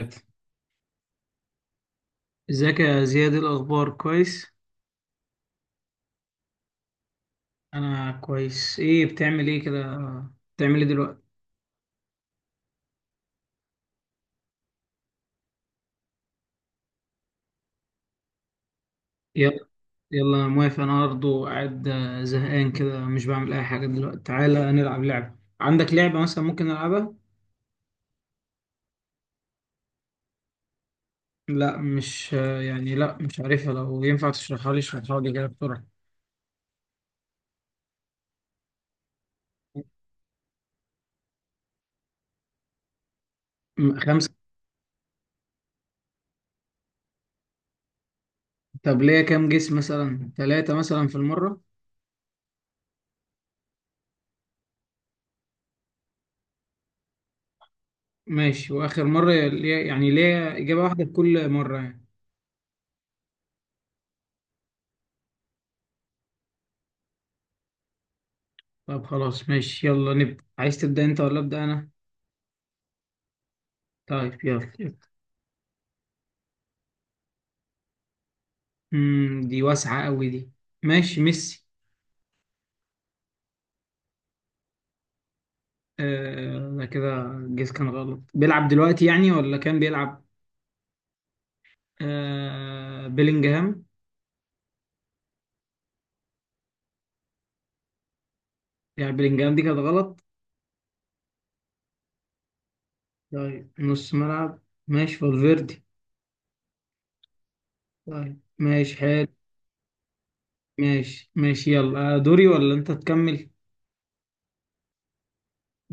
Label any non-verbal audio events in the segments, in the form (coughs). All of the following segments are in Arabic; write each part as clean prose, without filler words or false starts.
ثلاثة. ازيك يا زياد؟ إيه الاخبار، كويس؟ انا كويس. ايه بتعمل ايه كده؟ بتعمل ايه دلوقتي؟ يلا، يلا موافق. انا برضه قاعد زهقان كده، مش بعمل اي حاجه دلوقتي. تعالى نلعب لعبه، عندك لعبه مثلا ممكن نلعبها؟ لا، مش آه، يعني لا مش عارفها. لو ينفع تشرحها لي اشرحها لي كده بسرعه. خمسه؟ طب ليا كام جس، مثلا ثلاثه مثلا في المره؟ ماشي، واخر مره ليا يعني، ليا اجابه واحده في كل مره يعني؟ طب خلاص ماشي، يلا نبدا. عايز تبدا انت ولا ابدا انا؟ طيب يلا يلا. دي واسعة قوي دي. ماشي، ميسي. آه، ده كده الجيس كان غلط. بيلعب دلوقتي يعني ولا كان بيلعب؟ آه، بيلينجهام. يعني بيلينجهام دي كانت غلط. طيب نص ملعب، ماشي، فالفيردي. طيب ماشي، حلو. ماشي ماشي، يلا دوري ولا انت تكمل؟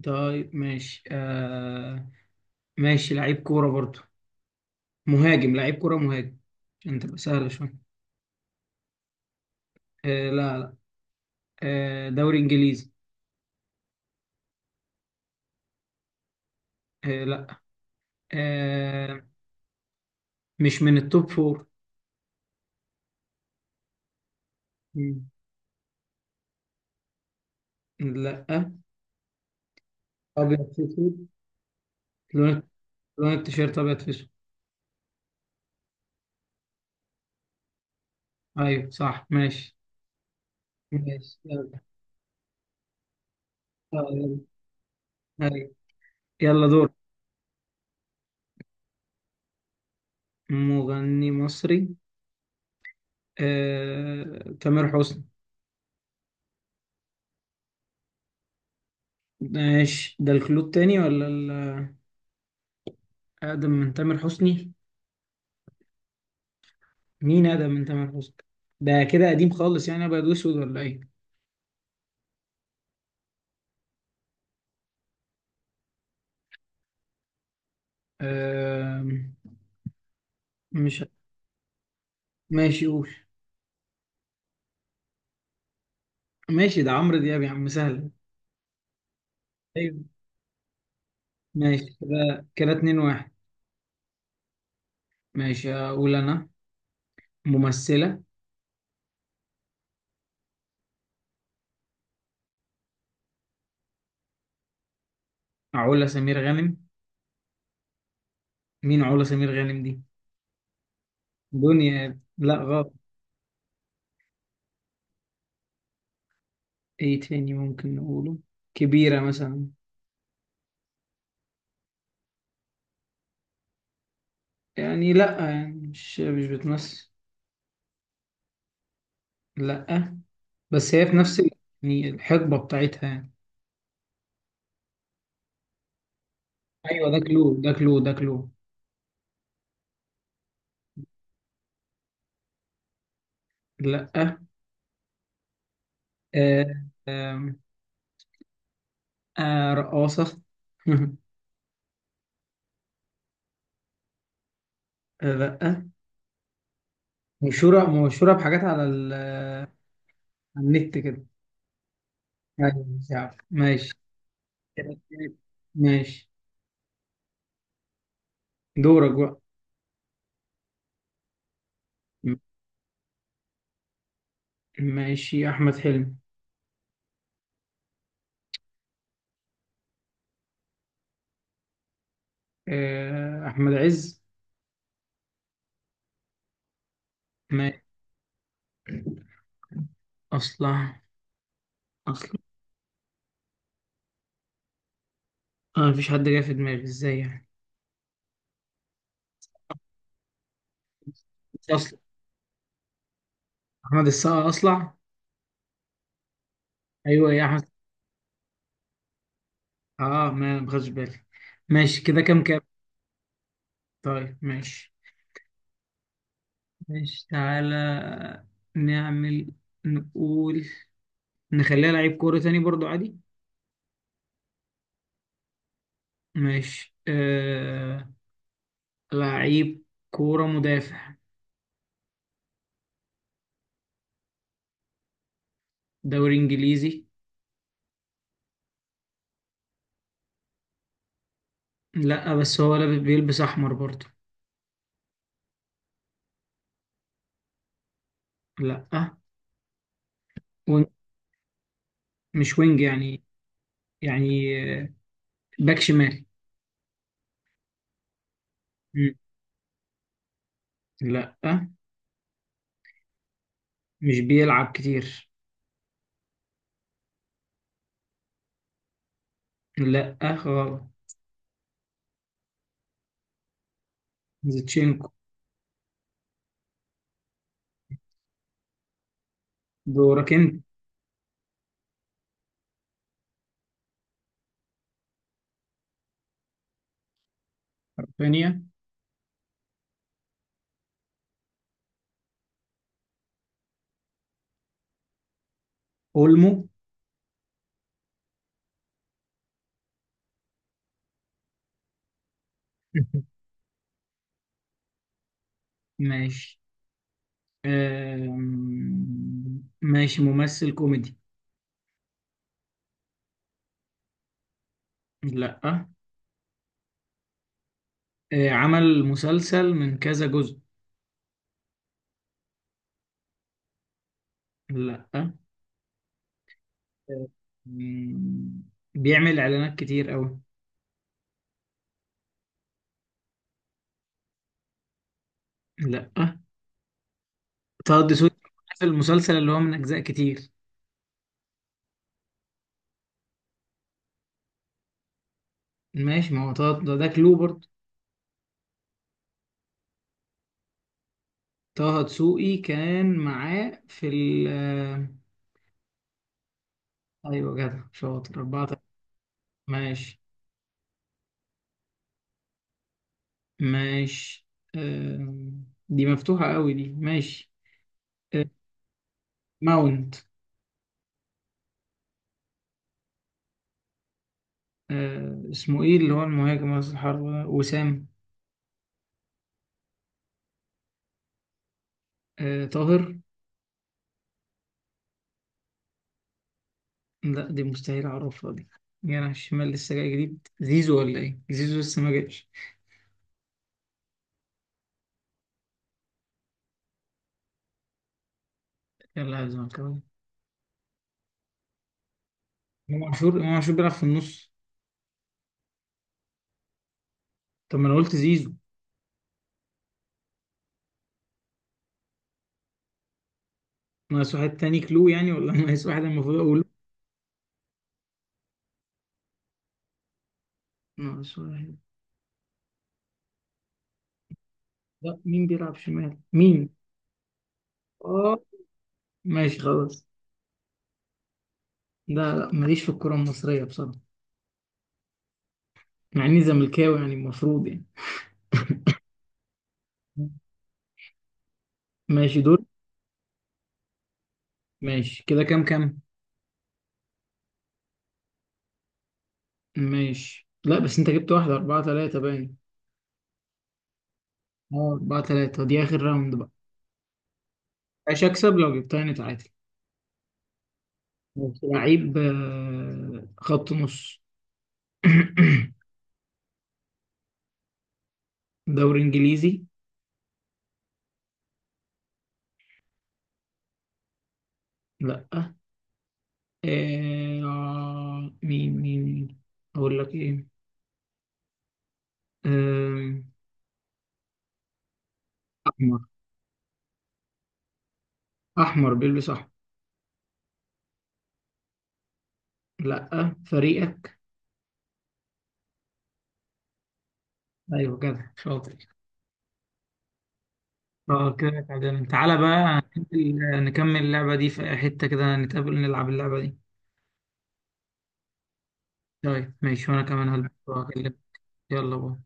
طيب ماشي آه. ماشي، لعيب كورة برضو. مهاجم، لعيب كورة مهاجم، عشان تبقى سهلة شوية. آه لا لا. آه، دوري انجليزي. آه لا. آه. مش من التوب فور. مم. لا. ابيض في اسود. لون. لون التيشيرت ابيض في اسود. ايوه صح، ماشي. ماشي يلا يلا. أيوة. يلا دور. مغني مصري. آه، تامر حسني. ماشي، ده الكلود التاني ولا اقدم من تامر حسني. مين اقدم من تامر حسني؟ ده كده قديم خالص يعني، ابيض واسود ولا ايه؟ آه. مش. ماشي قول. ماشي، ده عمرو دياب يا عم، سهل. أيوه. ماشي كده كده، 2-1. ماشي اقول انا. ممثلة. علا سمير غانم. مين علا سمير غانم دي؟ دنيا. لا غلط. ايه تاني ممكن نقوله؟ كبيرة مثلا. يعني لا، يعني مش بتمثل. لا، بس هي في نفس يعني الحقبة بتاعتها يعني. ايوه، ده كلو، ده كلو، ده كلو. لا. آه. آه، رقاصة. (laughs) لا. مشهورة، مشهورة بحاجات على ال، على النت كده. يعني مش عارف، ماشي. ماشي، دورك بقى. م- ماشي، أحمد حلمي. أحمد عز. ماشي. أصلع. أصلع. مفيش حد جاي في دماغي، إزاي يعني؟ أصلع. أحمد السقا أصلع. أيوه يا أحمد. آه، ما خدش بالي. ماشي كده، كام كام؟ طيب ماشي. ماشي، تعالى نعمل، نقول، نخليها لعيب كورة تاني برضو عادي. ماشي لعيب كورة، مدافع. دوري إنجليزي. لا، بس هو لابس، بيلبس احمر برضه. لا. وينج. مش وينج يعني. يعني آه، باك شمال. مم. لا، مش بيلعب كتير. لا غلط. زيتشينكو. دورك انت. ثانية. اولمو. (laughs) ماشي، ماشي، ممثل كوميدي. لا. آه، عمل مسلسل من كذا جزء. لا. آم، بيعمل اعلانات كتير قوي. لا طه دسوقي، في المسلسل اللي هو من أجزاء كتير. ماشي، ما هو طه ده, ده كلو برضه. طه دسوقي كان معاه في ال آه، أيوة، جدع شاطر. 4-3. ماشي. ماشي، دي مفتوحة قوي دي. ماشي آه، ماونت. آه، اسمه إيه اللي هو المهاجم رأس الحربة ده؟ وسام. آه، طاهر. لا، دي مستحيل أعرفها دي. جناح الشمال لسه جاي جديد، زيزو ولا إيه؟ زيزو لسه ما جاش. يلا يا زملكاوي. إمام عاشور، إمام عاشور بيلعب في النص. طب ما انا قلت زيزو. ناقص واحد تاني كلو يعني، ولا (laughs) ناقص واحد المفروض اقوله. ناقص واحد. لا، مين بيلعب شمال، مين؟ اه. ماشي خلاص. لا لا، ماليش في الكرة المصرية بصراحة. مع اني زملكاوي يعني، المفروض يعني. ماشي دور. ماشي كده كام كام؟ ماشي، لا بس انت جبت واحدة، 4-3 باين. اه، 4-3. دي آخر راوند بقى. مش هكسب لو جبتها، نتعادل. ماشي. لعيب خط نص. (coughs) (clears throat) دوري إنجليزي. لا. مين أقول لك إيه؟ آه. أحمر. أحمر بيلبس أحمر. لأ، فريقك. أيوه كده، شاطر. اه، كده تعادلنا. تعالى بقى ننزل، نكمل اللعبة دي في حتة كده، نتقابل نلعب اللعبة دي. طيب ماشي، وأنا كمان هلبس وهكلمك. يلا باي.